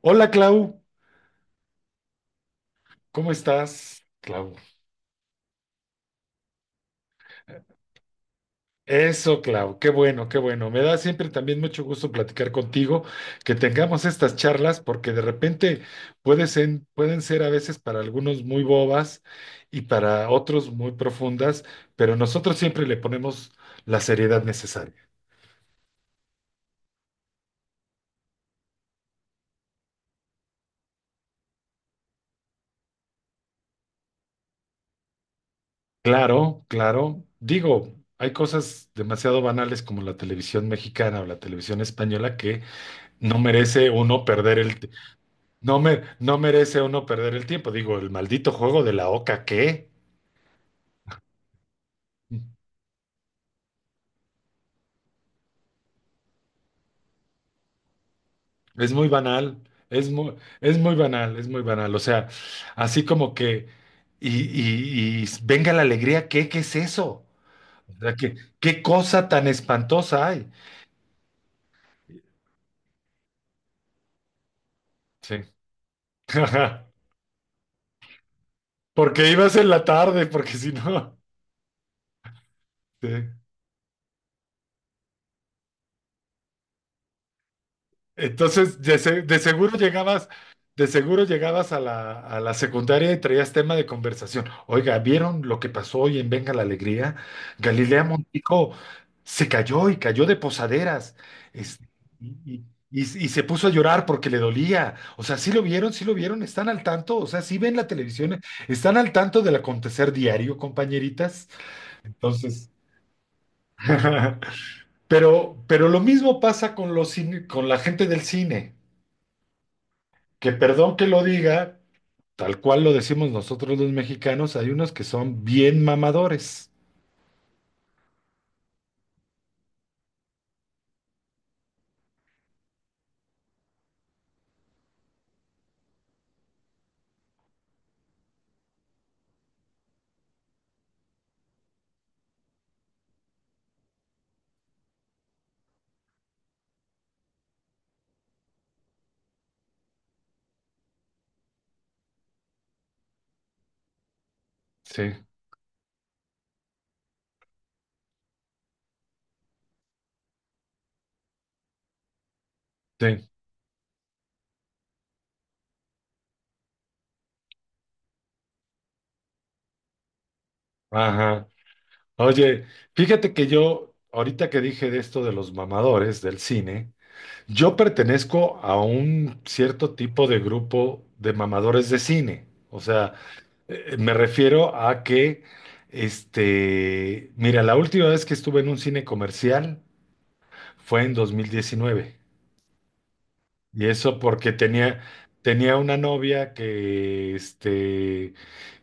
Hola Clau, ¿cómo estás? Clau. Eso, Clau, qué bueno, qué bueno. Me da siempre también mucho gusto platicar contigo, que tengamos estas charlas, porque de repente pueden ser a veces para algunos muy bobas y para otros muy profundas, pero nosotros siempre le ponemos la seriedad necesaria. Claro, claro. Digo, hay cosas demasiado banales como la televisión mexicana o la televisión española que no merece uno perder el, No me, no merece uno perder el tiempo. Digo, el maldito juego de la oca, ¿qué? Es muy banal, es muy, es muy banal, O sea, así como que, y venga la alegría, ¿qué? ¿Qué es eso? O sea, ¿qué cosa tan espantosa hay? Sí. Porque ibas en la tarde, porque si no. Sí. De seguro llegabas, de seguro llegabas a la secundaria y traías tema de conversación. Oiga, ¿vieron lo que pasó hoy en Venga la Alegría? Galilea Montijo se cayó y cayó de posaderas. Este, y, y- y se puso a llorar porque le dolía. O sea, sí lo vieron, están al tanto, o sea, sí ven la televisión, están al tanto del acontecer diario, compañeritas. Entonces, pero lo mismo pasa con la gente del cine, que perdón que lo diga, tal cual lo decimos nosotros los mexicanos, hay unos que son bien mamadores. Sí, sí, ajá. Oye, fíjate que yo, ahorita que dije de esto de los mamadores del cine, yo pertenezco a un cierto tipo de grupo de mamadores de cine. O sea, me refiero a que, mira, la última vez que estuve en un cine comercial fue en 2019. Y eso porque tenía una novia que,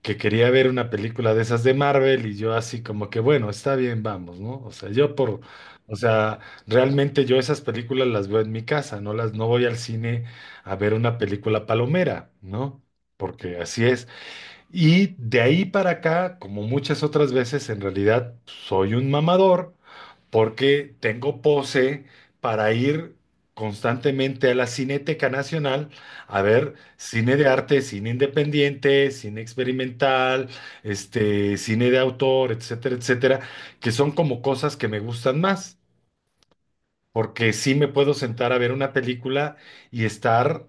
que quería ver una película de esas de Marvel y yo así como que, bueno, está bien, vamos, ¿no? O sea, o sea, realmente yo esas películas las veo en mi casa, no voy al cine a ver una película palomera, ¿no? Porque así es. Y de ahí para acá, como muchas otras veces, en realidad soy un mamador porque tengo pose para ir constantemente a la Cineteca Nacional a ver cine de arte, cine independiente, cine experimental, cine de autor, etcétera, etcétera, que son como cosas que me gustan más porque sí me puedo sentar a ver una película y estar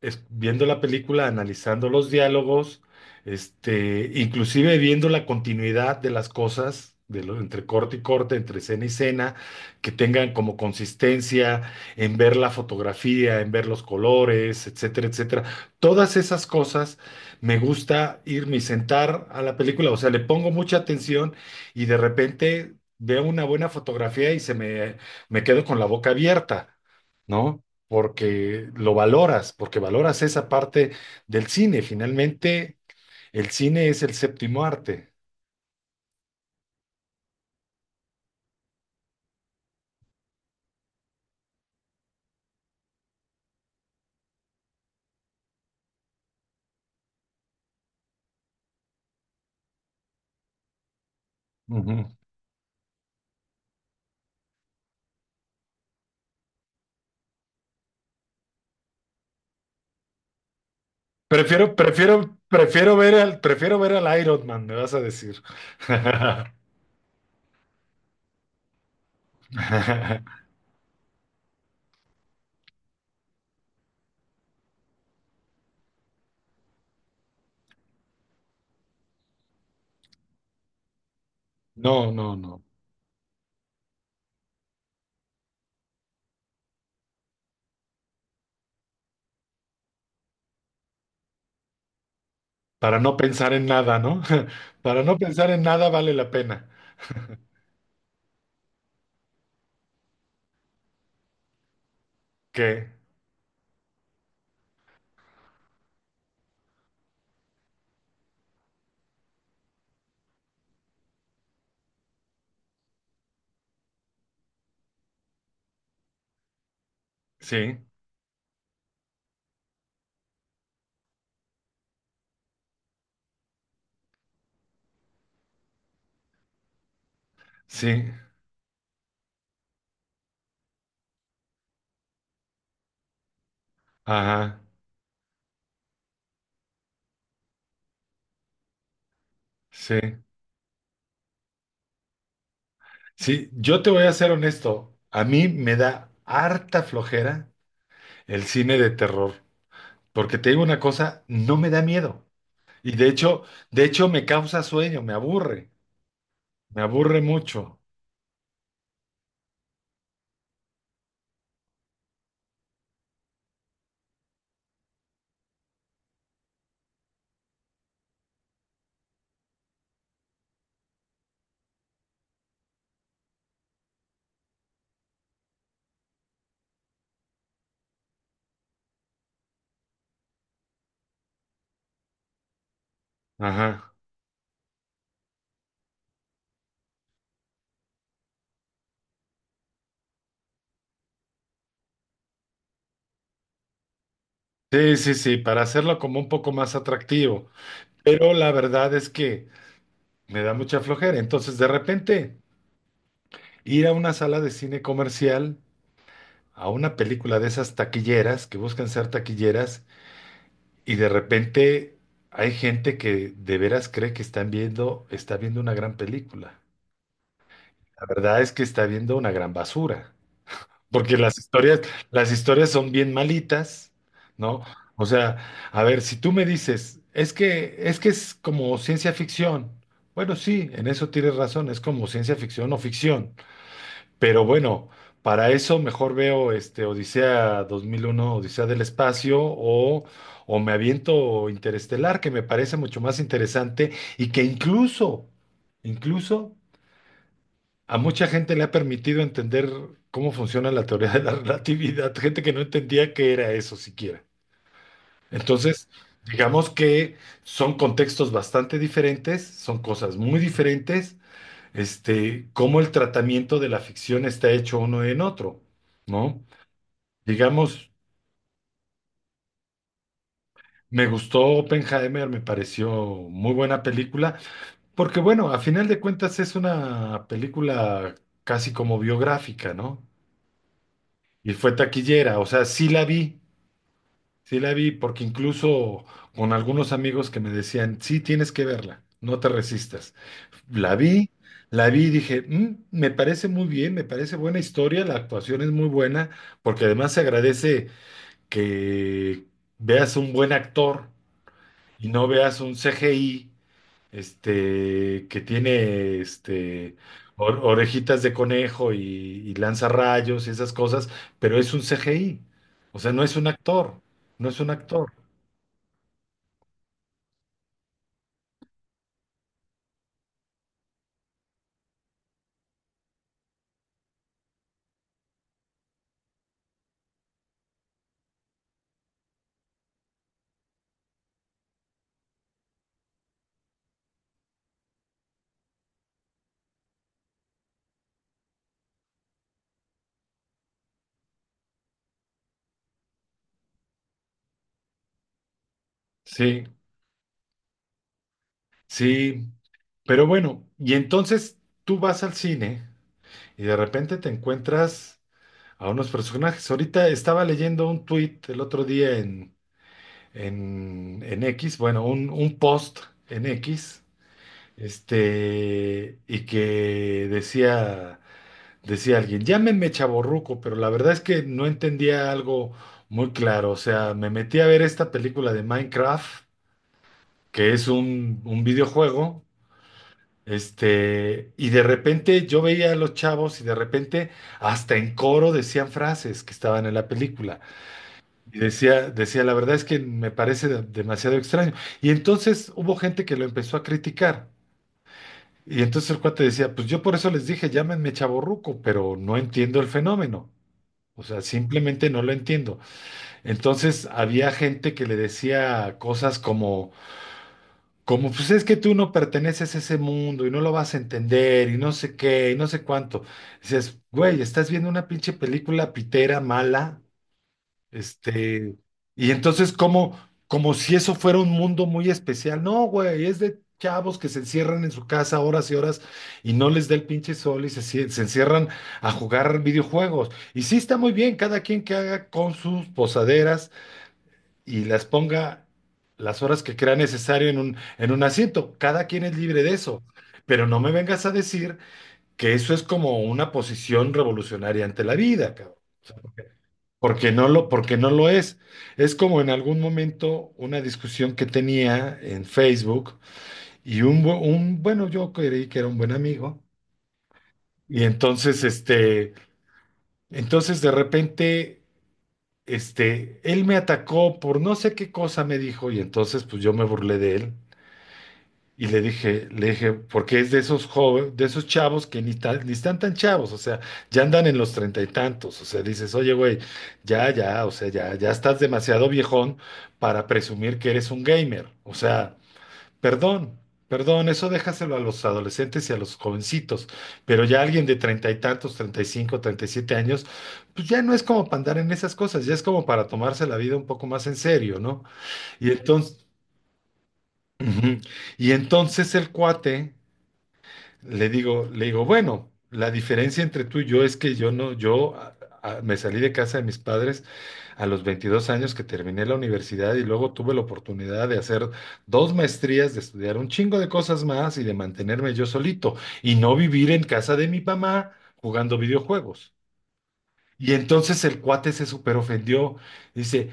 viendo la película, analizando los diálogos, inclusive viendo la continuidad de las cosas, de lo, entre corte y corte, entre escena y escena, que tengan como consistencia en ver la fotografía, en ver los colores, etcétera, etcétera. Todas esas cosas me gusta irme y sentar a la película, o sea, le pongo mucha atención y de repente veo una buena fotografía y se me me quedo con la boca abierta, ¿no? Porque lo valoras, porque valoras esa parte del cine. Finalmente, el cine es el séptimo arte. Ujú. Prefiero ver al Iron Man, me vas a decir. No, no, no. Para no pensar en nada, ¿no? Para no pensar en nada vale la pena. ¿Qué? Sí, sí, ajá, sí. Sí, yo te voy a ser honesto, a mí me da harta flojera el cine de terror, porque te digo una cosa, no me da miedo. Y de hecho me causa sueño, me aburre mucho. Ajá. Sí, sí, sí, para hacerlo como un poco más atractivo. Pero la verdad es que me da mucha flojera. Entonces, de repente, ir a una sala de cine comercial, a una película de esas taquilleras, que buscan ser taquilleras. Y de repente hay gente que de veras cree que está viendo una gran película. La verdad es que está viendo una gran basura, porque las historias son bien malitas, ¿no? O sea, a ver, si tú me dices, es que es como ciencia ficción. Bueno, sí, en eso tienes razón, es como ciencia ficción o ficción. Pero bueno, para eso mejor veo este Odisea 2001, Odisea del espacio o me aviento Interestelar, que me parece mucho más interesante y que incluso a mucha gente le ha permitido entender cómo funciona la teoría de la relatividad, gente que no entendía qué era eso siquiera. Entonces, digamos que son contextos bastante diferentes, son cosas muy diferentes, cómo el tratamiento de la ficción está hecho uno en otro, ¿no? Digamos, me gustó Oppenheimer, me pareció muy buena película, porque bueno, a final de cuentas es una película casi como biográfica, ¿no? Y fue taquillera, o sea, sí la vi. Sí la vi porque incluso con algunos amigos que me decían, sí, tienes que verla, no te resistas. La vi, la vi y dije, "Mm, me parece muy bien, me parece buena historia, la actuación es muy buena, porque además se agradece que veas un buen actor y no veas un CGI, este, que tiene, este, or- orejitas de conejo y lanza rayos y esas cosas, pero es un CGI, o sea, no es un actor, no es un actor". Sí, sí. Pero bueno, y entonces tú vas al cine y de repente te encuentras a unos personajes. Ahorita estaba leyendo un tuit el otro día en X, bueno, un post en X, este, y que decía, decía alguien, llámeme chavorruco, pero la verdad es que no entendía algo muy claro. O sea, me metí a ver esta película de Minecraft, que es un videojuego. Y de repente yo veía a los chavos y de repente hasta en coro decían frases que estaban en la película. Y decía, la verdad es que me parece demasiado extraño. Y entonces hubo gente que lo empezó a criticar. Y entonces el cuate decía, pues yo por eso les dije, llámenme chavorruco, pero no entiendo el fenómeno. O sea, simplemente no lo entiendo. Entonces había gente que le decía cosas como: Como pues es que tú no perteneces a ese mundo y no lo vas a entender y no sé qué y no sé cuánto. Dices, güey, estás viendo una pinche película pitera, mala, este, y entonces como, como si eso fuera un mundo muy especial. No, güey, es de chavos que se encierran en su casa horas y horas y no les da el pinche sol y se encierran a jugar videojuegos. Y sí está muy bien, cada quien que haga con sus posaderas y las ponga las horas que crea necesario en un asiento. Cada quien es libre de eso. Pero no me vengas a decir que eso es como una posición revolucionaria ante la vida, cabrón. Porque porque no lo es. Es como en algún momento una discusión que tenía en Facebook y un, bu- un bueno, yo creí que era un buen amigo. Y entonces, entonces de repente, él me atacó por no sé qué cosa me dijo y entonces pues yo me burlé de él. Y le dije, porque es de esos jóvenes, de esos chavos que ni, tan- ni están tan chavos, o sea, ya andan en los treinta y tantos, o sea, dices, oye, güey, ya, ya, o sea, ya, ya estás demasiado viejón para presumir que eres un gamer, o sea, perdón, perdón, eso déjaselo a los adolescentes y a los jovencitos, pero ya alguien de treinta y tantos, 35, 37 años, pues ya no es como para andar en esas cosas, ya es como para tomarse la vida un poco más en serio, ¿no? Y entonces, ujú, y entonces el cuate le digo, bueno, la diferencia entre tú y yo es que yo no, yo a- me salí de casa de mis padres a los 22 años que terminé la universidad y luego tuve la oportunidad de hacer dos maestrías, de estudiar un chingo de cosas más y de mantenerme yo solito y no vivir en casa de mi mamá jugando videojuegos. Y entonces el cuate se súper ofendió. Dice,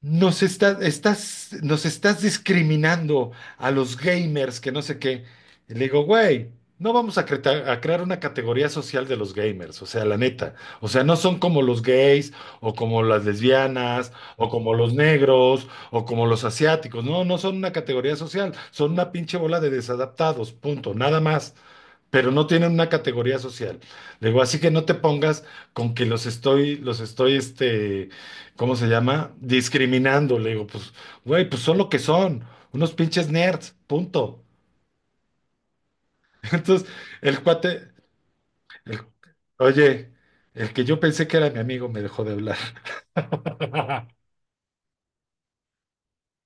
nos estás discriminando a los gamers, que no sé qué. Y le digo, güey, no vamos a, crear una categoría social de los gamers, o sea, la neta. O sea, no son como los gays, o como las lesbianas, o como los negros, o como los asiáticos. No, no son una categoría social, son una pinche bola de desadaptados, punto, nada más, pero no tienen una categoría social. Le digo, así que no te pongas con que los estoy, ¿cómo se llama? Discriminando. Le digo, pues, güey, pues son lo que son, unos pinches nerds, punto. Entonces, el cuate, el- oye, el que yo pensé que era mi amigo me dejó de hablar.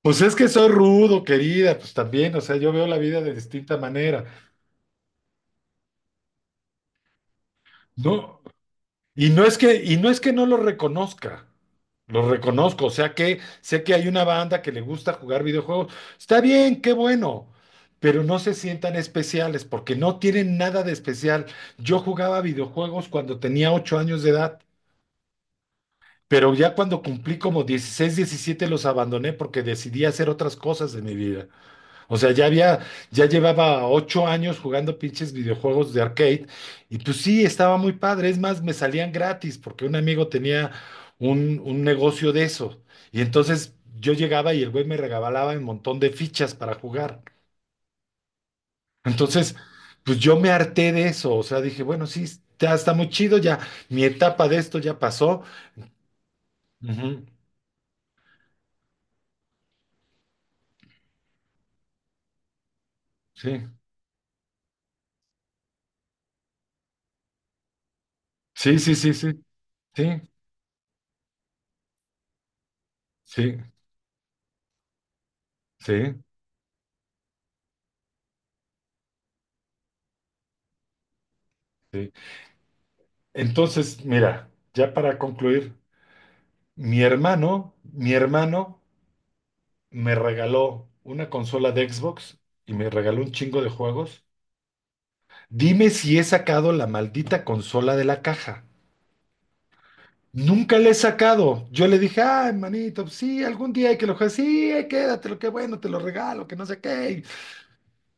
Pues es que soy rudo, querida, pues también, o sea, yo veo la vida de distinta manera. No. Y no es que, y no es que no lo reconozca. Lo reconozco, o sea que sé que hay una banda que le gusta jugar videojuegos. Está bien, qué bueno, pero no se sientan especiales porque no tienen nada de especial. Yo jugaba videojuegos cuando tenía 8 años de edad, pero ya cuando cumplí como 16 17 los abandoné porque decidí hacer otras cosas de mi vida. O sea, ya había, ya llevaba 8 años jugando pinches videojuegos de arcade y pues sí, estaba muy padre. Es más, me salían gratis porque un amigo tenía un negocio de eso. Y entonces yo llegaba y el güey me regalaba un montón de fichas para jugar. Entonces, pues yo me harté de eso. O sea, dije, bueno, sí, ya está muy chido, ya mi etapa de esto ya pasó. Ujú, sí, sí, sí, sí, sí, sí, sí, sí, sí. Entonces, mira, ya para concluir. Mi hermano me regaló una consola de Xbox y me regaló un chingo de juegos. Dime si he sacado la maldita consola de la caja. Nunca la he sacado. Yo le dije, ay, manito, pues sí, algún día hay que lo juegue. Sí, quédatelo, qué bueno, te lo regalo, que no sé qué.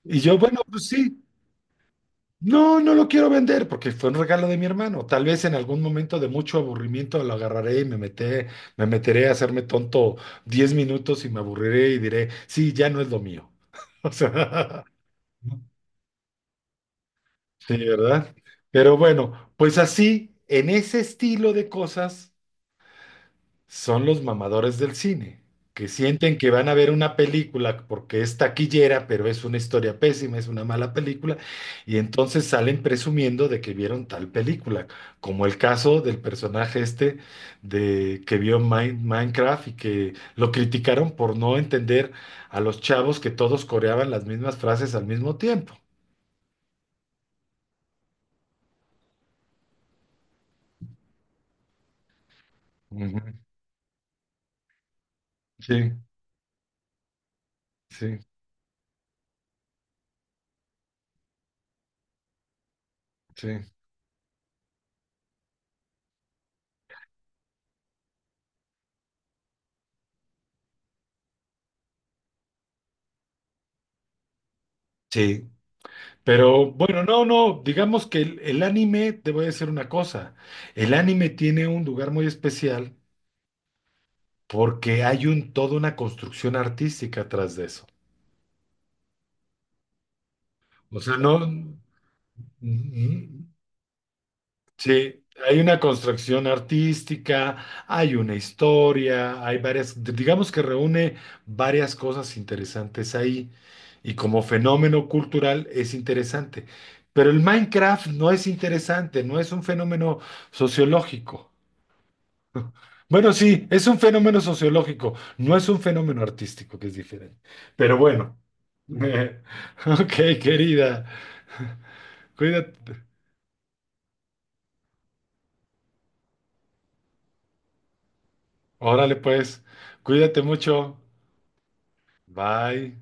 Y yo, bueno, pues sí. No, no lo quiero vender porque fue un regalo de mi hermano. Tal vez en algún momento de mucho aburrimiento lo agarraré y me meteré a hacerme tonto 10 minutos y me aburriré y diré, sí, ya no es lo mío. O sea, sí, ¿verdad? Pero bueno, pues así, en ese estilo de cosas son los mamadores del cine, que sienten que van a ver una película porque es taquillera, pero es una historia pésima, es una mala película, y entonces salen presumiendo de que vieron tal película, como el caso del personaje este de que vio Minecraft y que lo criticaron por no entender a los chavos que todos coreaban las mismas frases al mismo tiempo. Ujú. Sí, sí, sí. Sí, pero bueno, no, no, digamos que el anime, te voy a decir una cosa, el anime tiene un lugar muy especial porque hay un, toda una construcción artística atrás de eso. O sea, no, mm, sí, hay una construcción artística, hay una historia, hay varias, digamos que reúne varias cosas interesantes ahí y como fenómeno cultural es interesante. Pero el Minecraft no es interesante, no es un fenómeno sociológico. Bueno, sí, es un fenómeno sociológico, no es un fenómeno artístico, que es diferente. Pero bueno. Ok, querida. Cuídate. Órale, pues. Cuídate mucho. Bye.